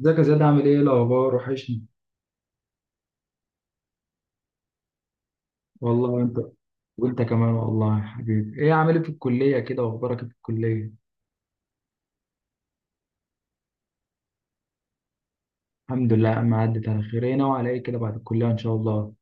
ازيك يا زياد، عامل إيه الاخبار؟ وحشني. والله وانت كمان والله يا حبيبي. ايه؟ عامل ايه في الكليه كده؟ واخبارك إيه في الكليه؟ الحمد لله، ما عدت على خير. ايه ناوي على ايه كده بعد الكليه ان شاء الله؟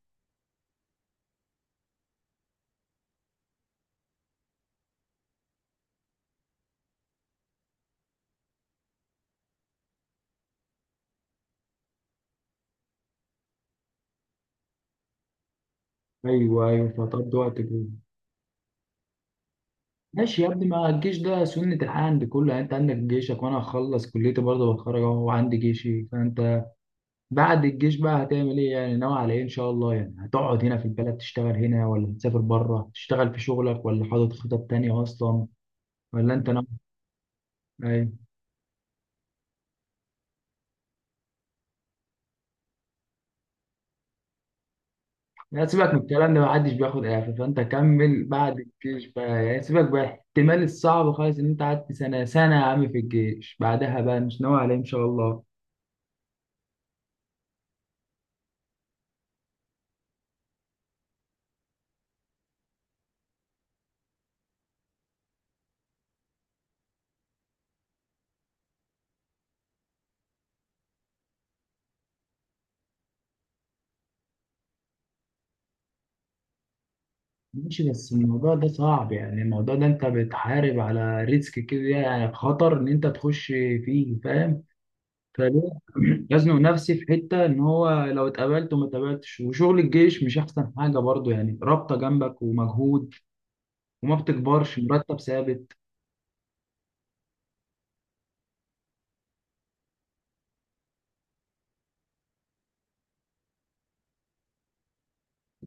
ايوه ايوه، فتقضي وقت كده. ماشي يا ابني، ما الجيش ده سنه الحياه عند كله. يعني انت عندك جيشك، وانا هخلص كليتي برضه، بتخرج اهو وعندي جيشي. فانت بعد الجيش بقى هتعمل ايه؟ يعني ناوي على ايه ان شاء الله؟ يعني هتقعد هنا في البلد تشتغل هنا، ولا هتسافر بره تشتغل في شغلك، ولا حاطط خطط تانية اصلا؟ ولا انت ناوي ايه؟ لا، سيبك من الكلام ده، محدش بياخد اعفاء، فانت كمل. بعد الجيش بقى يعني، سيبك بقى. احتمال الصعب خالص ان انت قعدت سنه سنه يا عم في الجيش، بعدها بقى مش ناوي عليه ان شاء الله؟ ماشي، بس الموضوع ده صعب. يعني الموضوع ده انت بتحارب على ريسك كده، يعني خطر ان انت تخش فيه، فاهم؟ فليه يزنق نفسي في حته، ان هو لو اتقبلت وما اتقبلتش، وشغل الجيش مش احسن حاجه برضه. يعني رابطه جنبك ومجهود، وما بتكبرش، مرتب ثابت.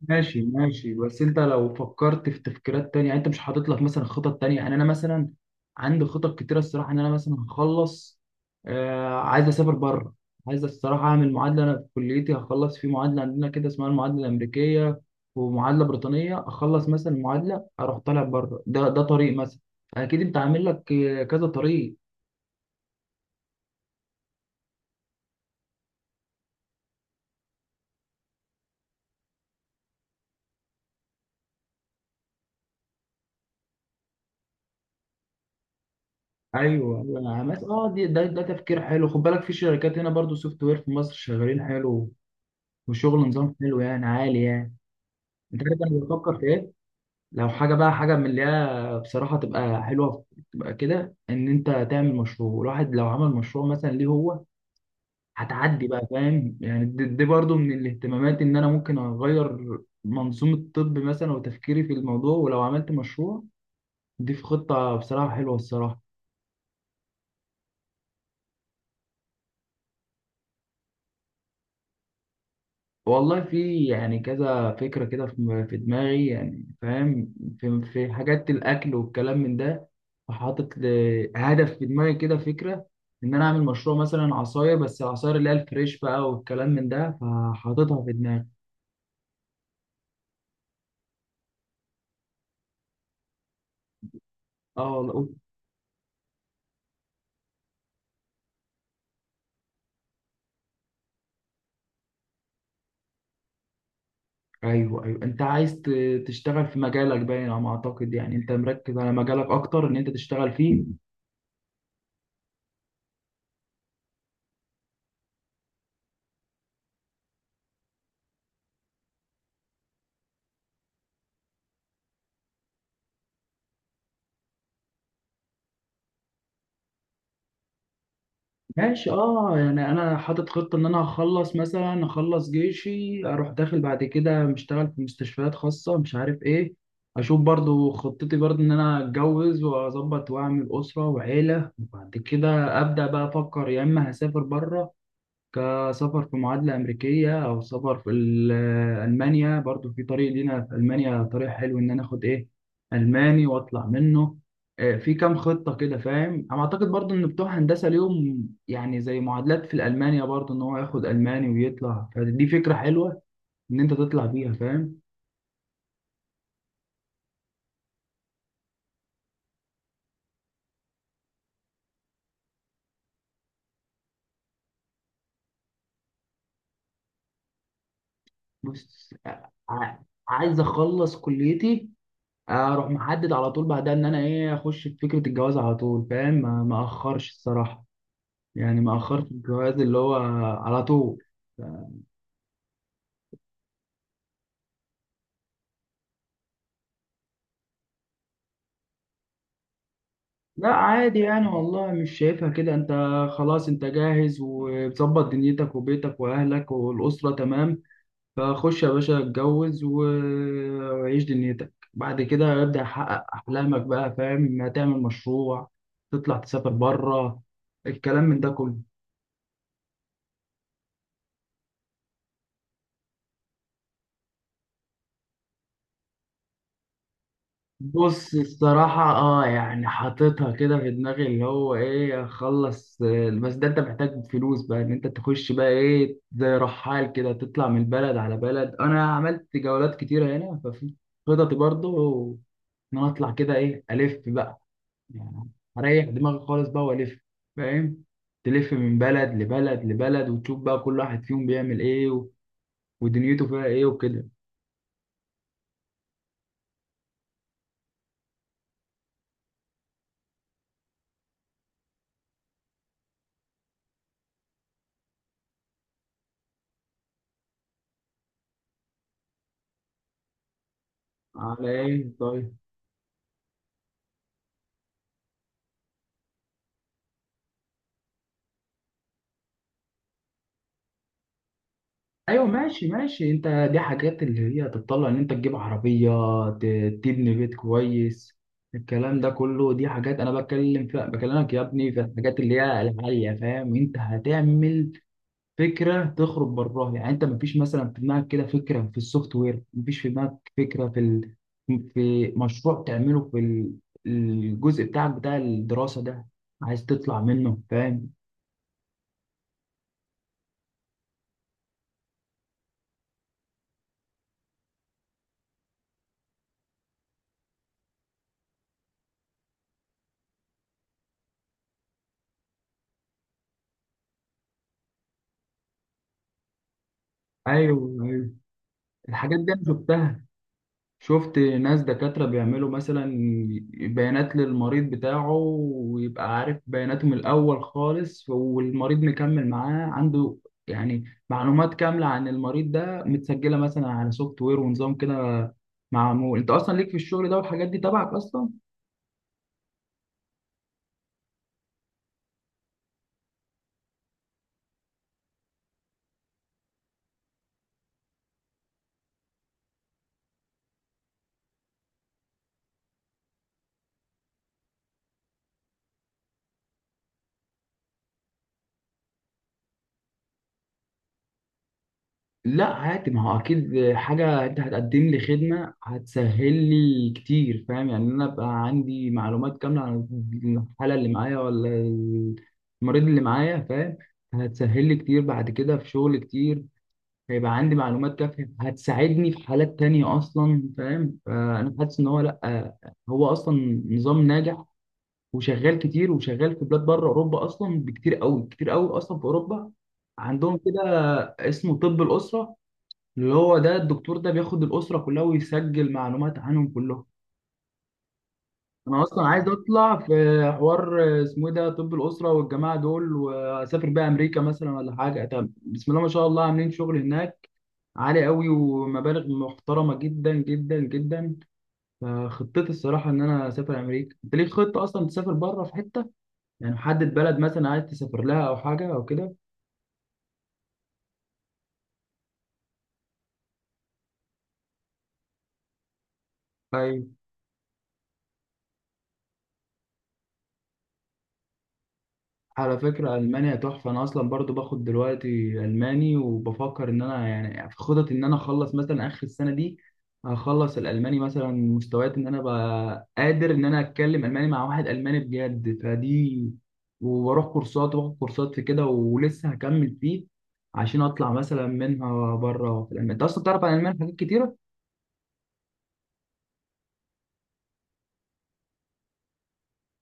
ماشي ماشي، بس انت لو فكرت في تفكيرات تانية. يعني انت مش حاطط لك مثلا خطط تانية؟ يعني انا مثلا عندي خطط كتيرة الصراحة، ان انا مثلا هخلص، آه، عايز اسافر بره. عايز الصراحة اعمل معادلة، انا في كليتي هخلص في معادلة. عندنا كده اسمها المعادلة الامريكية، ومعادلة بريطانية. اخلص مثلا معادلة اروح طالع بره، ده طريق مثلا. اكيد انت عامل لك، آه، كذا طريق. ايوه ايوه، انا عملت اه ده تفكير حلو. خد بالك، في شركات هنا برضو سوفت وير في مصر شغالين حلو، وشغل نظام حلو يعني، عالي يعني. انت عارف انا بفكر في ايه؟ لو حاجه بقى، حاجه من اللي هي بصراحه تبقى حلوه، تبقى كده ان انت تعمل مشروع. الواحد لو عمل مشروع مثلا ليه هو، هتعدي بقى، فاهم؟ يعني دي برضو من الاهتمامات، ان انا ممكن اغير منظومه الطب مثلا، وتفكيري في الموضوع. ولو عملت مشروع، دي في خطه بصراحه حلوه، الصراحه. والله في يعني كذا فكرة كده، في دماغي يعني، فاهم. في حاجات الأكل والكلام من ده. فحاطط هدف في دماغي كده، فكرة إن أنا أعمل مشروع مثلا عصاير، بس العصاير اللي هي الفريش بقى والكلام من ده، فحاططها في دماغي. اه والله. أيوه أيوه، أنت عايز تشتغل في مجالك باين على ما أعتقد. يعني أنت مركز على مجالك أكتر، إن أنت تشتغل فيه. ماشي، اه. يعني انا حاطط خطه ان انا هخلص مثلا، اخلص جيشي، اروح داخل بعد كده مشتغل في مستشفيات خاصه، مش عارف ايه. اشوف برضو خطتي برضو، ان انا اتجوز واظبط واعمل اسره وعيله، وبعد كده ابدا بقى افكر. يا اما هسافر بره كسفر في معادلة أمريكية، أو سفر في ألمانيا. برضو في طريق لينا في ألمانيا، طريق حلو إن أنا آخد إيه، ألماني، وأطلع منه. آه، في كام خطة كده، فاهم؟ أنا أعتقد برضو إن بتوع هندسة ليهم يعني زي معادلات في الألمانيا برضو، إن هو ياخد ألماني ويطلع. فدي فكرة حلوة إن أنت تطلع بيها، فاهم؟ بس آه، عايز أخلص كليتي، أروح محدد على طول بعدها إن أنا إيه، أخش في فكرة الجواز على طول، فاهم؟ ما أخرش الصراحة، يعني ما أخرت الجواز اللي هو على طول. لا عادي يعني، والله مش شايفها كده انت. خلاص، انت جاهز ومظبط دنيتك وبيتك واهلك والاسره تمام. فخش يا باشا اتجوز، وعيش دنيتك. بعد كده ابدا حقق احلامك بقى، فاهم؟ هتعمل مشروع، تطلع تسافر بره، الكلام من ده كله. بص الصراحة اه يعني، حاططها كده في دماغي، اللي هو ايه، اخلص، آه، بس ده انت محتاج فلوس بقى ان انت تخش بقى ايه، زي رحال كده تطلع من بلد على بلد. انا عملت جولات كتيرة هنا، ففي خططي برضو ان انا اطلع كده ايه، الف بقى يعني، اريح دماغي خالص بقى والف، فاهم؟ تلف من بلد لبلد لبلد، وتشوف بقى كل واحد فيهم بيعمل ايه، ودنيته فيها ايه، وكده. على ايه طيب؟ ايوه ماشي ماشي، انت دي حاجات اللي هي تتطلع ان انت تجيب عربيه، تبني بيت كويس، الكلام ده كله. دي حاجات انا بتكلم فيها، بكلمك يا ابني في الحاجات اللي هي العاليه، فاهم؟ انت هتعمل فكره تخرج براها. يعني انت مفيش مثلا في دماغك كده فكره في السوفت وير؟ مفيش في دماغك فكره في ال...، في مشروع تعمله في الجزء بتاعك بتاع الدراسه ده، عايز تطلع منه، فاهم؟ ايوه ايوه، الحاجات دي انا شفتها. شفت ناس دكاترة بيعملوا مثلا بيانات للمريض بتاعه، ويبقى عارف بياناته من الأول خالص، والمريض مكمل معاه عنده يعني، معلومات كاملة عن المريض ده متسجلة مثلا على سوفت وير ونظام كده معمول. أنت أصلا ليك في الشغل ده والحاجات دي تبعك أصلا؟ لا عادي، ما هو اكيد حاجه انت هتقدم لي خدمه هتسهل لي كتير، فاهم؟ يعني انا ابقى عندي معلومات كامله عن الحاله اللي معايا، ولا المريض اللي معايا، فاهم؟ هتسهل لي كتير بعد كده في شغل كتير. هيبقى عندي معلومات كافيه هتساعدني في حالات تانية اصلا، فاهم؟ فانا حاسس ان هو لا، هو اصلا نظام ناجح وشغال كتير، وشغال في بلاد بره، اوروبا اصلا بكتير قوي، كتير قوي اصلا. في اوروبا عندهم كده، اسمه طب الاسره، اللي هو ده الدكتور ده بياخد الأسرة كلها، ويسجل معلومات عنهم كلهم. أنا أصلا عايز أطلع في حوار اسمه إيه ده، طب الأسرة والجماعة دول. وأسافر بقى أمريكا مثلا ولا حاجة، طب بسم الله ما شاء الله عاملين شغل هناك عالي قوي، ومبالغ محترمة جدا جدا جدا. فخطتي الصراحة إن أنا أسافر أمريكا. أنت ليك خطة أصلا تسافر بره في حتة، يعني محدد بلد مثلا عايز تسافر لها، أو حاجة أو كده؟ على فكرة ألمانيا تحفة. أنا أصلا برضو باخد دلوقتي ألماني، وبفكر إن أنا يعني في خطط إن أنا أخلص مثلا آخر السنة دي. هخلص الألماني مثلا مستويات إن أنا أبقى قادر إن أنا أتكلم ألماني مع واحد ألماني بجد، فدي. وبروح كورسات وباخد كورسات في كده، ولسه هكمل فيه عشان أطلع مثلا منها بره في ألمانيا. أنت أصلا بتعرف عن ألمانيا حاجات كتيرة؟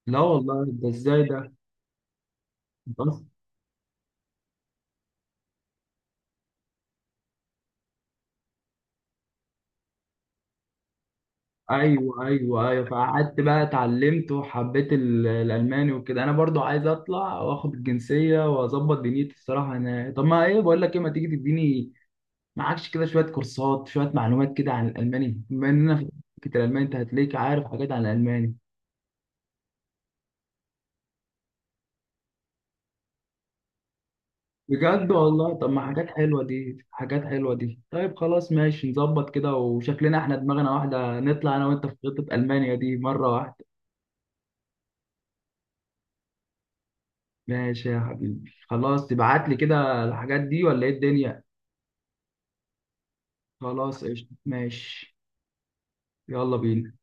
لا والله، ده إزاي ده؟ أنت أصلا، ايوه ايوه ايوه، فقعدت بقى اتعلمت وحبيت الالماني وكده. انا برضو عايز اطلع واخد الجنسيه واظبط دنيتي الصراحه. انا طب ما ايه، بقول لك ايه، ما تيجي تديني معكش كده شويه كورسات، شويه معلومات كده عن الالماني، بما اننا في فكره الالماني. انت هتلاقيك عارف حاجات عن الالماني، بجد والله. طب ما حاجات حلوه دي، حاجات حلوه دي. طيب خلاص ماشي، نظبط كده، وشكلنا احنا دماغنا واحده. نطلع انا وانت في خطه المانيا دي مره واحده. ماشي يا حبيبي خلاص، تبعت لي كده الحاجات دي ولا ايه الدنيا؟ خلاص قشطة ماشي. يلا بينا.